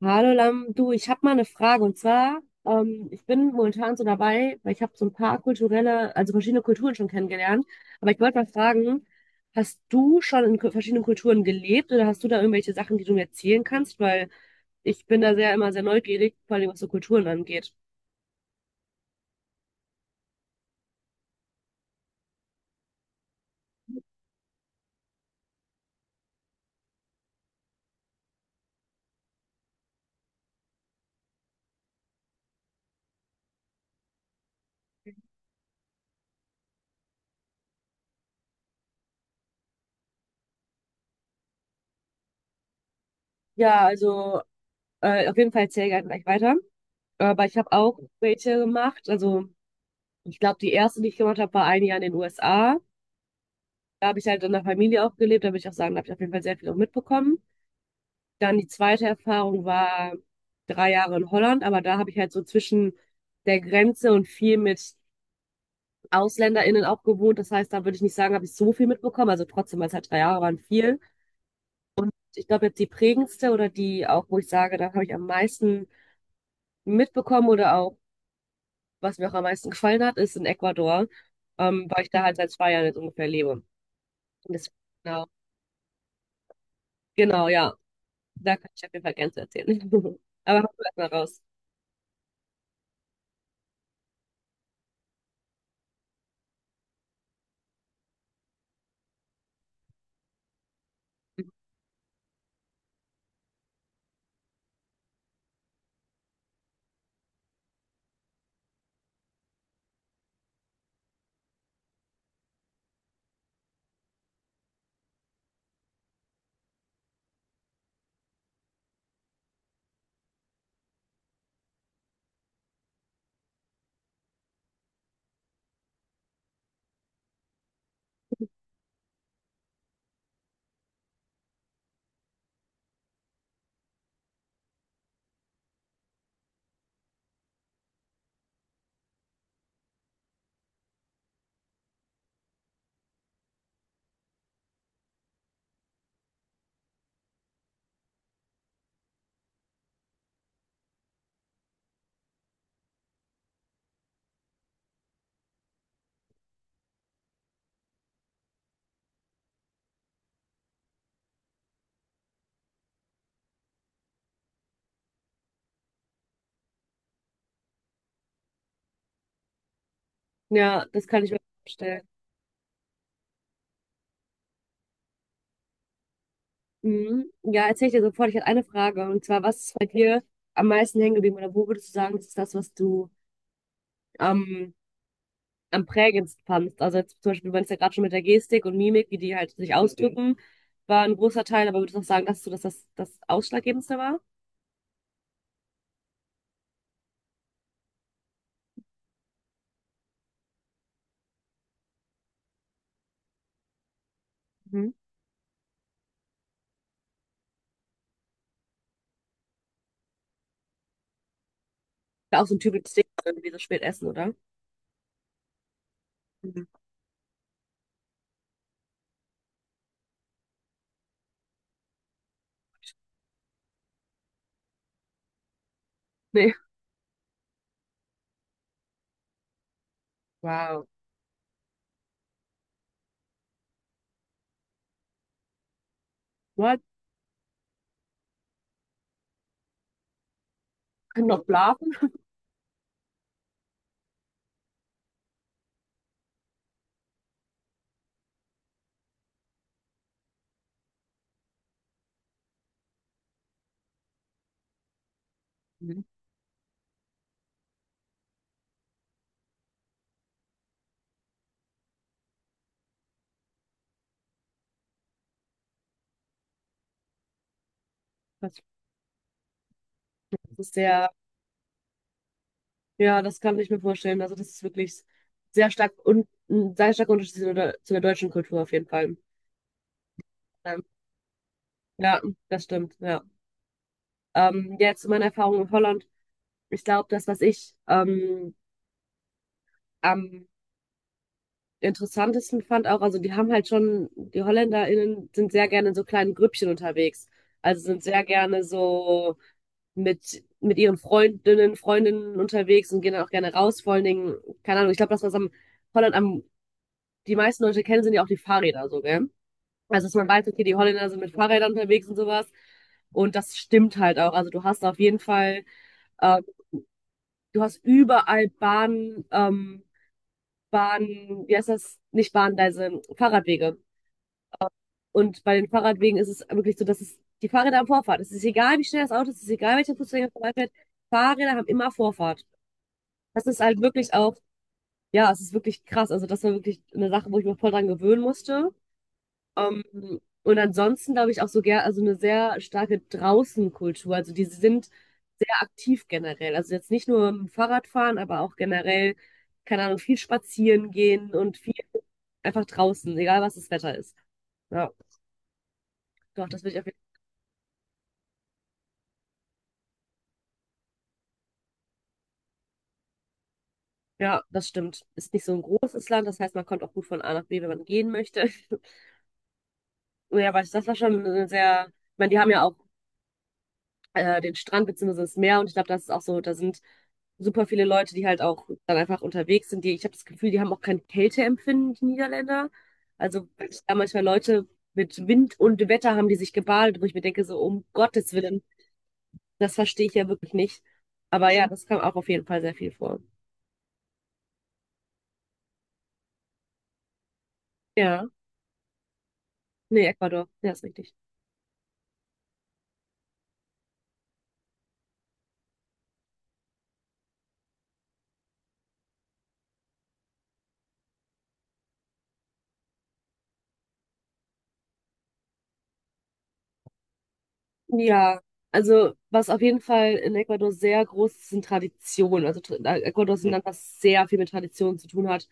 Hallo Lam, du, ich habe mal eine Frage. Und zwar, ich bin momentan so dabei, weil ich habe so ein paar kulturelle, also verschiedene Kulturen schon kennengelernt, aber ich wollte mal fragen, hast du schon in verschiedenen Kulturen gelebt oder hast du da irgendwelche Sachen, die du mir erzählen kannst? Weil ich bin da sehr immer sehr neugierig, vor allem was so Kulturen angeht. Ja, also auf jeden Fall erzähl gerne gleich weiter, aber ich habe auch welche gemacht, also ich glaube, die erste, die ich gemacht habe, war ein Jahr in den USA. Da habe ich halt in der Familie auch gelebt, da würde ich auch sagen, da habe ich auf jeden Fall sehr viel auch mitbekommen. Dann die zweite Erfahrung war 3 Jahre in Holland, aber da habe ich halt so zwischen der Grenze und viel mit AusländerInnen auch gewohnt. Das heißt, da würde ich nicht sagen, habe ich so viel mitbekommen. Also trotzdem, weil es halt 3 Jahre waren, viel. Ich glaube, jetzt die prägendste oder die auch, wo ich sage, da habe ich am meisten mitbekommen oder auch, was mir auch am meisten gefallen hat, ist in Ecuador, weil ich da halt seit 2 Jahren jetzt ungefähr lebe. Und das, genau, genau, ja. Da kann ich auf jeden Fall gerne zu erzählen. Aber hau du erst mal raus. Ja, das kann ich mir vorstellen. Mhm. Ja, erzähl ich dir sofort. Ich hatte eine Frage. Und zwar, was ist bei dir am meisten hängen geblieben? Oder wo würdest du sagen, das ist das, was du am am prägendsten fandst? Also jetzt zum Beispiel, du meinst ja gerade schon mit der Gestik und Mimik, wie die halt sich ausdrücken, war ein großer Teil. Aber würdest du auch sagen, dass du das Ausschlaggebendste war? Mhm. Ist ja auch so ein typisches Ding, so irgendwie so spät essen, oder? Mhm. Nee. Wow. What? Können noch schlafen? Mhm. Das ist sehr, ja, das kann ich mir vorstellen. Also das ist wirklich sehr stark und ein sehr starker Unterschied zu der deutschen Kultur auf jeden Fall. Ähm, ja, das stimmt, ja. Jetzt zu meiner Erfahrung in Holland. Ich glaube, das, was ich am interessantesten fand auch, also die haben halt schon, die HolländerInnen sind sehr gerne in so kleinen Grüppchen unterwegs. Also sind sehr gerne so mit ihren Freundinnen unterwegs und gehen dann auch gerne raus. Vor allen Dingen, keine Ahnung, ich glaube, das, was am Holland am, die meisten Leute kennen, sind ja auch die Fahrräder so, gell? Also, dass man weiß, okay, die Holländer sind mit Fahrrädern unterwegs und sowas. Und das stimmt halt auch. Also du hast auf jeden Fall. ähm, Du hast überall Bahn, Bahn, wie heißt das? Nicht Bahngleise, Fahrradwege. Und bei den Fahrradwegen ist es wirklich so, dass es die Fahrräder haben Vorfahrt. Es ist egal, wie schnell das Auto ist, es ist egal, welcher Fußgänger vorbeifährt. Fahrräder haben immer Vorfahrt. Das ist halt wirklich auch, ja, es ist wirklich krass. Also das war wirklich eine Sache, wo ich mich voll dran gewöhnen musste. Ähm, und ansonsten glaube ich auch so gern, also eine sehr starke Draußenkultur. Also die sind sehr aktiv generell. Also jetzt nicht nur im Fahrradfahren, aber auch generell, keine Ahnung, viel spazieren gehen und viel einfach draußen, egal was das Wetter ist. Ja, doch, das will ich auf jeden Fall. Ja, das stimmt. Ist nicht so ein großes Land, das heißt, man kommt auch gut von A nach B, wenn man gehen möchte. Ja, aber das war schon eine sehr, ich meine, die haben ja auch den Strand beziehungsweise das Meer. Und ich glaube, das ist auch so, da sind super viele Leute, die halt auch dann einfach unterwegs sind. Die, ich habe das Gefühl, die haben auch kein Kälteempfinden, die Niederländer. Also wenn ich da manchmal Leute mit Wind und Wetter haben die sich gebadet, wo ich mir denke, so um Gottes Willen, das verstehe ich ja wirklich nicht. Aber ja, das kam auch auf jeden Fall sehr viel vor. Ja, nee, Ecuador, ja, ist richtig. Ja, also was auf jeden Fall in Ecuador sehr groß ist, sind Traditionen. Also Ecuador ist ein Land, was sehr viel mit Traditionen zu tun hat.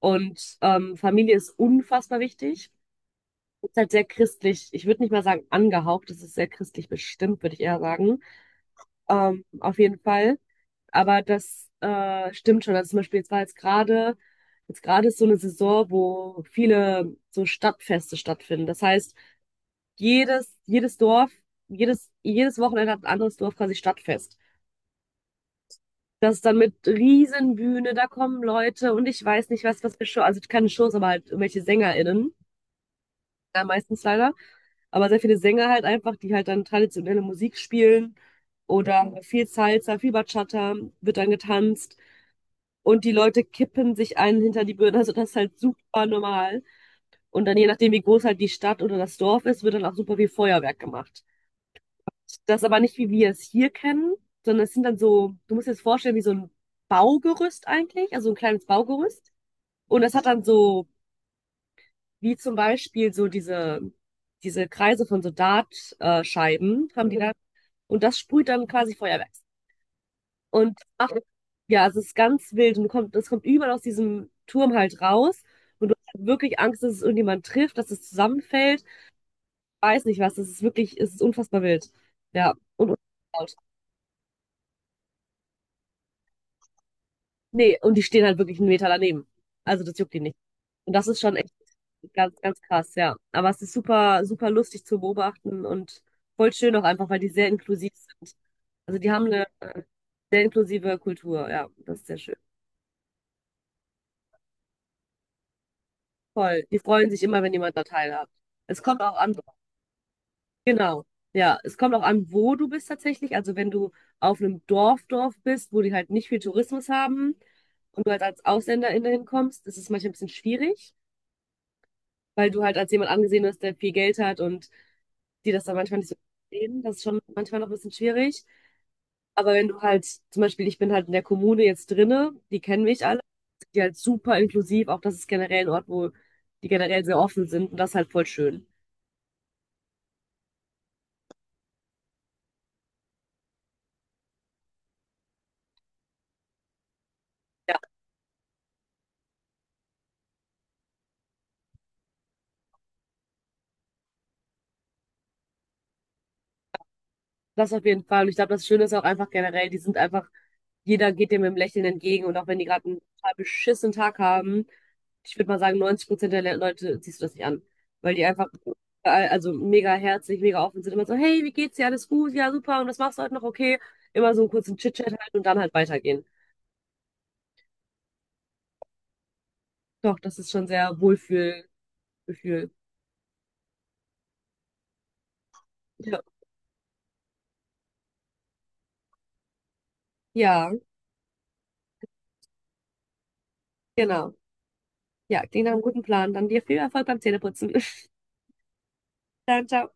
Und Familie ist unfassbar wichtig. Ist halt sehr christlich. Ich würde nicht mal sagen angehaucht, es ist sehr christlich bestimmt, würde ich eher sagen. Auf jeden Fall. Aber das stimmt schon. Also zum Beispiel, jetzt gerade ist so eine Saison, wo viele so Stadtfeste stattfinden. Das heißt, jedes Dorf, jedes Wochenende hat ein anderes Dorf quasi Stadtfest. Das ist dann mit Riesenbühne, da kommen Leute und ich weiß nicht, was, was für Show, also keine Shows, aber halt irgendwelche SängerInnen. Ja, meistens leider. Aber sehr viele Sänger halt einfach, die halt dann traditionelle Musik spielen oder viel Salsa, viel Bachata wird dann getanzt und die Leute kippen sich einen hinter die Birne. Also das ist halt super normal. Und dann je nachdem, wie groß halt die Stadt oder das Dorf ist, wird dann auch super viel Feuerwerk gemacht. Das aber nicht, wie wir es hier kennen, sondern es sind dann so, du musst dir das vorstellen, wie so ein Baugerüst eigentlich, also ein kleines Baugerüst. Und das hat dann so, wie zum Beispiel so diese Kreise von so Dartscheiben Scheiben haben die da. Und das sprüht dann quasi Feuerwerk. Und ach, ja, es ist ganz wild. Und du kommt, das kommt überall aus diesem Turm halt raus. Und du hast halt wirklich Angst, dass es irgendjemand trifft, dass es zusammenfällt. Weiß nicht was. Das ist wirklich, es ist unfassbar wild. Ja. Und unfassbar laut. Nee und die stehen halt wirklich 'n Meter daneben. Also, das juckt die nicht. Und das ist schon echt ganz, ganz krass, ja. Aber es ist super super lustig zu beobachten und voll schön auch einfach, weil die sehr inklusiv sind. Also, die haben eine sehr inklusive Kultur, ja, das ist sehr schön. Voll. Die freuen sich immer, wenn jemand da teilhat. Es kommt auch an, genau. Ja, es kommt auch an, wo du bist tatsächlich. Also, wenn du auf einem Dorf bist, wo die halt nicht viel Tourismus haben und du halt als Ausländerin da hinkommst, ist es manchmal ein bisschen schwierig. Weil du halt als jemand angesehen wirst, der viel Geld hat und die das dann manchmal nicht so sehen. Das ist schon manchmal noch ein bisschen schwierig. Aber wenn du halt, zum Beispiel, ich bin halt in der Kommune jetzt drinne, die kennen mich alle, die halt super inklusiv, auch das ist generell ein Ort, wo die generell sehr offen sind und das ist halt voll schön. Das auf jeden Fall. Und ich glaube, das Schöne ist auch einfach generell, die sind einfach, jeder geht dem mit dem Lächeln entgegen. Und auch wenn die gerade einen total beschissenen Tag haben, ich würde mal sagen, 90% der Leute siehst du das nicht an. Weil die einfach, also mega herzlich, mega offen sind. Immer so, hey, wie geht's dir? Alles gut? Ja, super. Und was machst du heute noch? Okay. Immer so einen kurzen Chit-Chat halt und dann halt weitergehen. Doch, das ist schon sehr Wohlfühlgefühl. Ja. Ja, genau. Ja, klingt nach einem guten Plan. Dann dir viel Erfolg beim Zähneputzen. Dann, ciao.